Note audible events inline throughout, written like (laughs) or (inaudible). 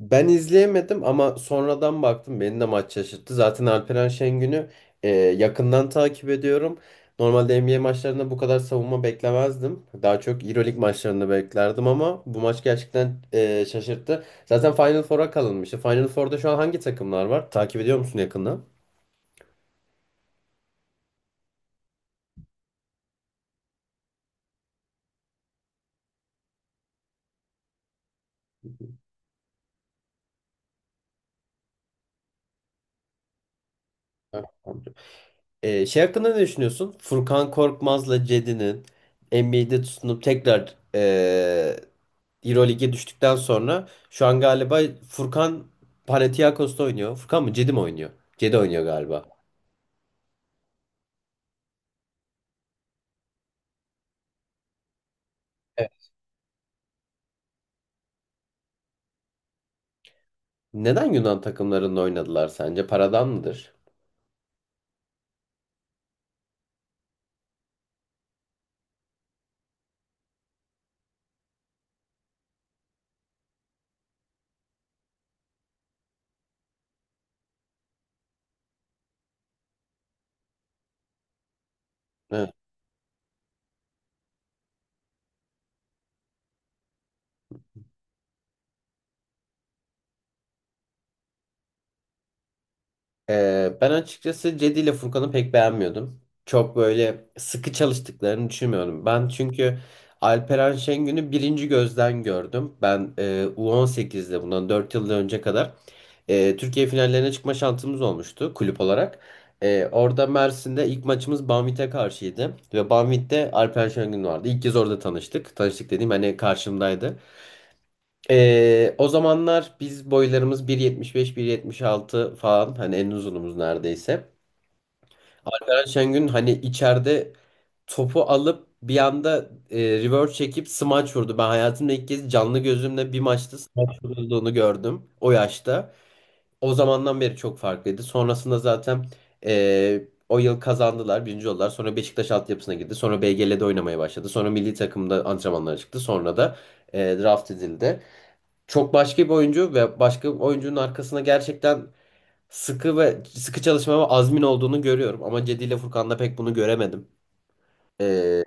Ben izleyemedim ama sonradan baktım beni de maç şaşırttı. Zaten Alperen Şengün'ü yakından takip ediyorum. Normalde NBA maçlarında bu kadar savunma beklemezdim. Daha çok EuroLeague maçlarında beklerdim ama bu maç gerçekten şaşırttı. Zaten Final Four'a kalınmıştı. Final Four'da şu an hangi takımlar var? Takip ediyor musun yakından? Evet. Şey hakkında ne düşünüyorsun? Furkan Korkmaz'la Cedi'nin NBA'de tutunup tekrar Euroleague'e düştükten sonra şu an galiba Furkan Panathinaikos'ta oynuyor. Furkan mı? Cedi mi oynuyor? Cedi oynuyor galiba. Evet. Neden Yunan takımlarında oynadılar sence? Paradan mıdır? Ben açıkçası Cedi ile Furkan'ı pek beğenmiyordum. Çok böyle sıkı çalıştıklarını düşünmüyorum. Ben çünkü Alperen Şengün'ü birinci gözden gördüm. Ben U18'de bundan 4 yıl önce kadar Türkiye finallerine çıkma şansımız olmuştu kulüp olarak. E, orada Mersin'de ilk maçımız Banvit'e karşıydı. Ve Banvit'te Alperen Şengün vardı. İlk kez orada tanıştık. Tanıştık dediğim hani karşımdaydı. O zamanlar biz boylarımız 1.75-1.76 falan hani en uzunumuz neredeyse. Erkan Şengün hani içeride topu alıp bir anda reverse çekip smaç vurdu. Ben hayatımda ilk kez canlı gözümle bir maçta smaç vurulduğunu gördüm o yaşta. O zamandan beri çok farklıydı. Sonrasında zaten e, o yıl kazandılar, birinci oldular. Sonra Beşiktaş altyapısına girdi. Sonra BGL'de oynamaya başladı. Sonra milli takımda antrenmanlara çıktı. Sonra da draft edildi. Çok başka bir oyuncu ve başka bir oyuncunun arkasına gerçekten sıkı ve sıkı çalışma ve azmin olduğunu görüyorum. Ama Cedi ile Furkan'da pek bunu göremedim. Ee,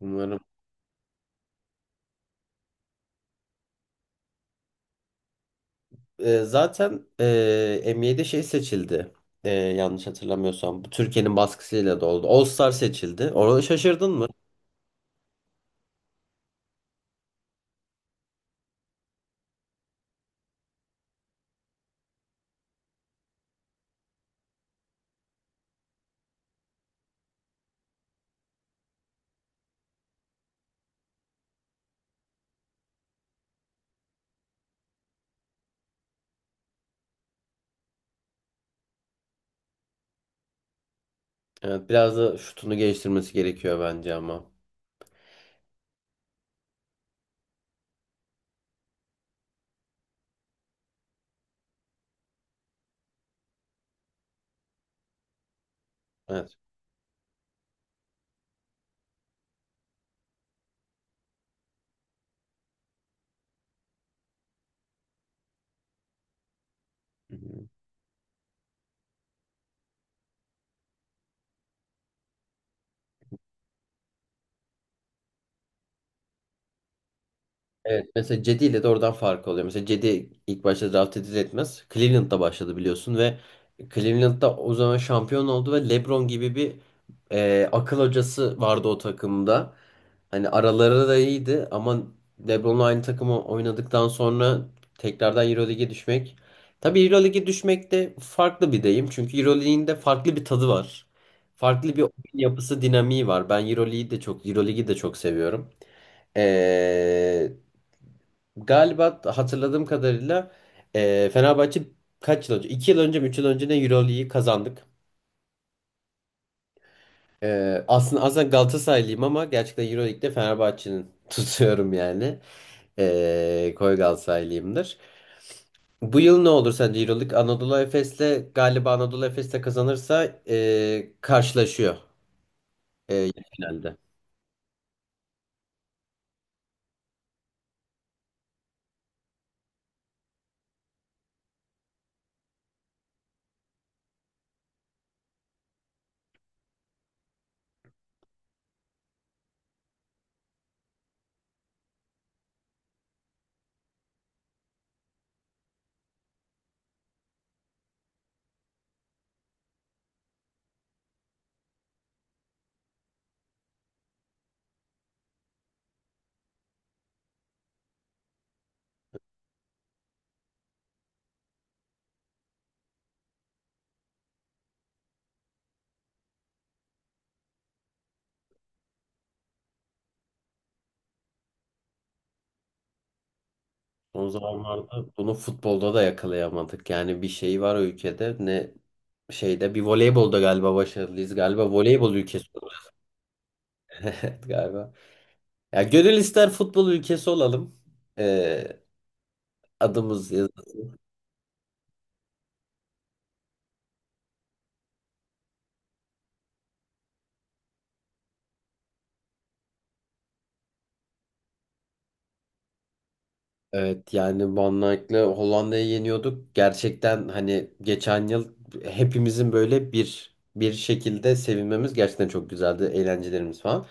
Umarım. NBA'de şey seçildi. Yanlış hatırlamıyorsam. Bu Türkiye'nin baskısıyla da oldu. All-Star seçildi. Orada şaşırdın mı? Evet, biraz da şutunu geliştirmesi gerekiyor bence ama. Evet. Evet mesela Cedi ile de oradan fark oluyor. Mesela Cedi ilk başta draft edilir etmez. Cleveland'da başladı biliyorsun ve Cleveland'da o zaman şampiyon oldu ve LeBron gibi bir akıl hocası vardı o takımda. Hani araları da iyiydi ama LeBron'la aynı takımı oynadıktan sonra tekrardan EuroLeague'e düşmek. Tabii EuroLeague'e düşmek de farklı bir deyim. Çünkü EuroLeague'in de farklı bir tadı var. Farklı bir oyun yapısı dinamiği var. Ben EuroLeague'i de çok EuroLeague'i de çok seviyorum. Ee, Galiba hatırladığım kadarıyla Fenerbahçe kaç yıl önce? 2 yıl önce mi 3 yıl önce ne Euroleague'i kazandık. Aslında Galatasaraylıyım ama gerçekten Euroleague'de Fenerbahçe'nin (laughs) tutuyorum yani. E, koyu Galatasaraylıyımdır. Bu yıl ne olur sence Euroleague Anadolu Efes'le galiba Anadolu Efes'le kazanırsa karşılaşıyor finalde. O zamanlarda bunu futbolda da yakalayamadık. Yani bir şey var o ülkede ne şeyde bir voleybolda galiba başarılıyız. Galiba voleybol ülkesi. (laughs) Evet galiba. Ya gönül ister futbol ülkesi olalım. Ee, Adımız yaz- Evet yani Van Dijk'le Hollanda'yı yeniyorduk. Gerçekten hani geçen yıl hepimizin böyle bir şekilde sevinmemiz gerçekten çok güzeldi. Eğlencelerimiz falan.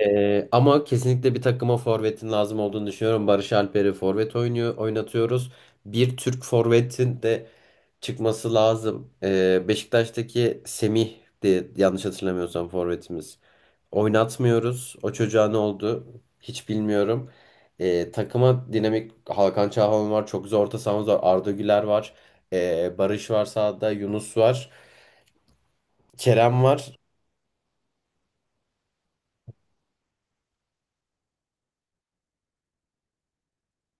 Ama kesinlikle bir takıma forvetin lazım olduğunu düşünüyorum. Barış Alper'i forvet oynuyor, oynatıyoruz. Bir Türk forvetin de çıkması lazım. Beşiktaş'taki Semih de yanlış hatırlamıyorsam forvetimiz. Oynatmıyoruz. O çocuğa ne oldu? Hiç bilmiyorum. Takıma dinamik Hakan Çalhanoğlu var. Çok güzel orta sahamız var. Arda Güler var. Barış var sağda. Yunus var. Kerem var.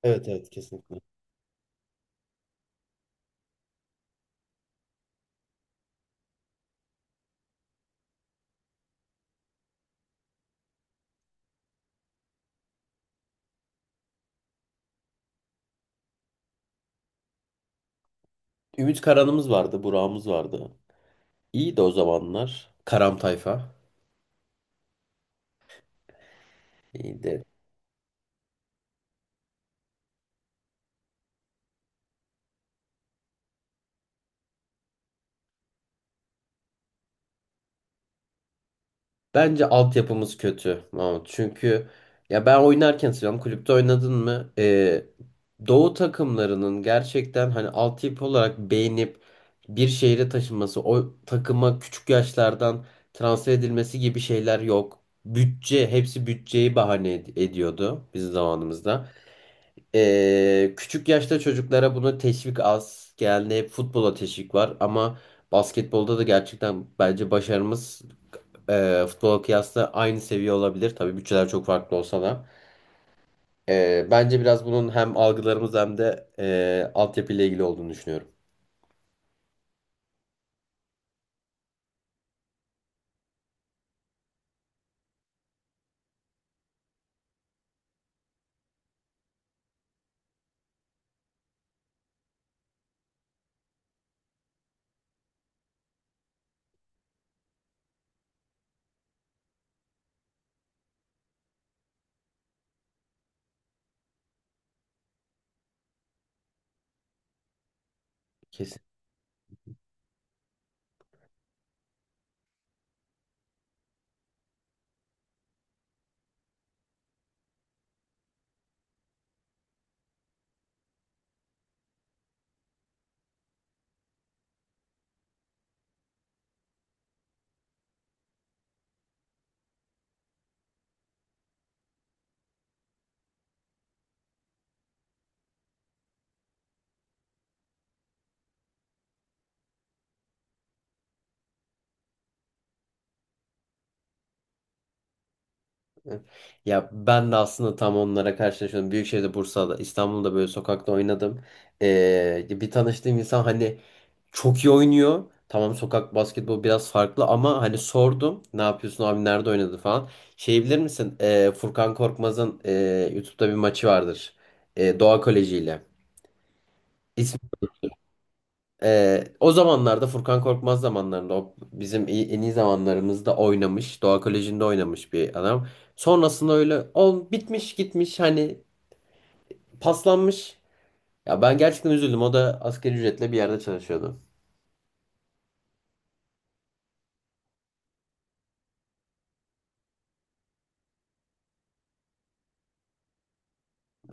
Evet, evet, kesinlikle. Ümit Karan'ımız vardı. Burak'ımız vardı. İyiydi o zamanlar. Karam Tayfa. İyiydi. Bence altyapımız kötü Mahmut. Çünkü ya ben oynarken söylüyorum. Kulüpte oynadın mı? Doğu takımlarının gerçekten hani altyapı olarak beğenip bir şehre taşınması, o takıma küçük yaşlardan transfer edilmesi gibi şeyler yok. Bütçe, hepsi ediyordu bizim zamanımızda. Küçük yaşta çocuklara bunu teşvik az. Genelde hep futbola teşvik var ama basketbolda da gerçekten bence başarımız futbola kıyasla aynı seviye olabilir. Tabii bütçeler çok farklı olsa da. Bence biraz bunun hem algılarımız hem de altyapıyla ilgili olduğunu düşünüyorum. Kesinlikle. Ya ben de aslında tam onlara karşılaşıyorum. Büyükşehir'de, Bursa'da, İstanbul'da böyle sokakta oynadım. Bir tanıştığım insan hani çok iyi oynuyor. Tamam sokak basketbolu biraz farklı ama hani sordum. Ne yapıyorsun abi nerede oynadı falan. Şey bilir misin? Furkan Korkmaz'ın YouTube'da bir maçı vardır. Doğa Koleji ile. İsmi, o zamanlarda Furkan Korkmaz zamanlarında o bizim en iyi zamanlarımızda oynamış. Doğa Koleji'nde oynamış bir adam. Sonrasında öyle ol bitmiş gitmiş hani paslanmış. Ya ben gerçekten üzüldüm. O da asgari ücretle bir yerde çalışıyordu.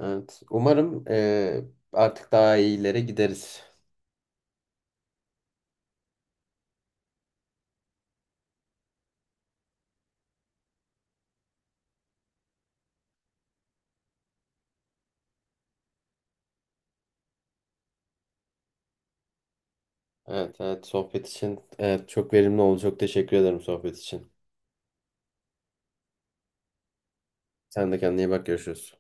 Evet. Umarım artık daha iyilere gideriz. Evet, evet. Sohbet için evet, çok verimli oldu. Çok teşekkür ederim sohbet için. Sen de kendine iyi bak. Görüşürüz.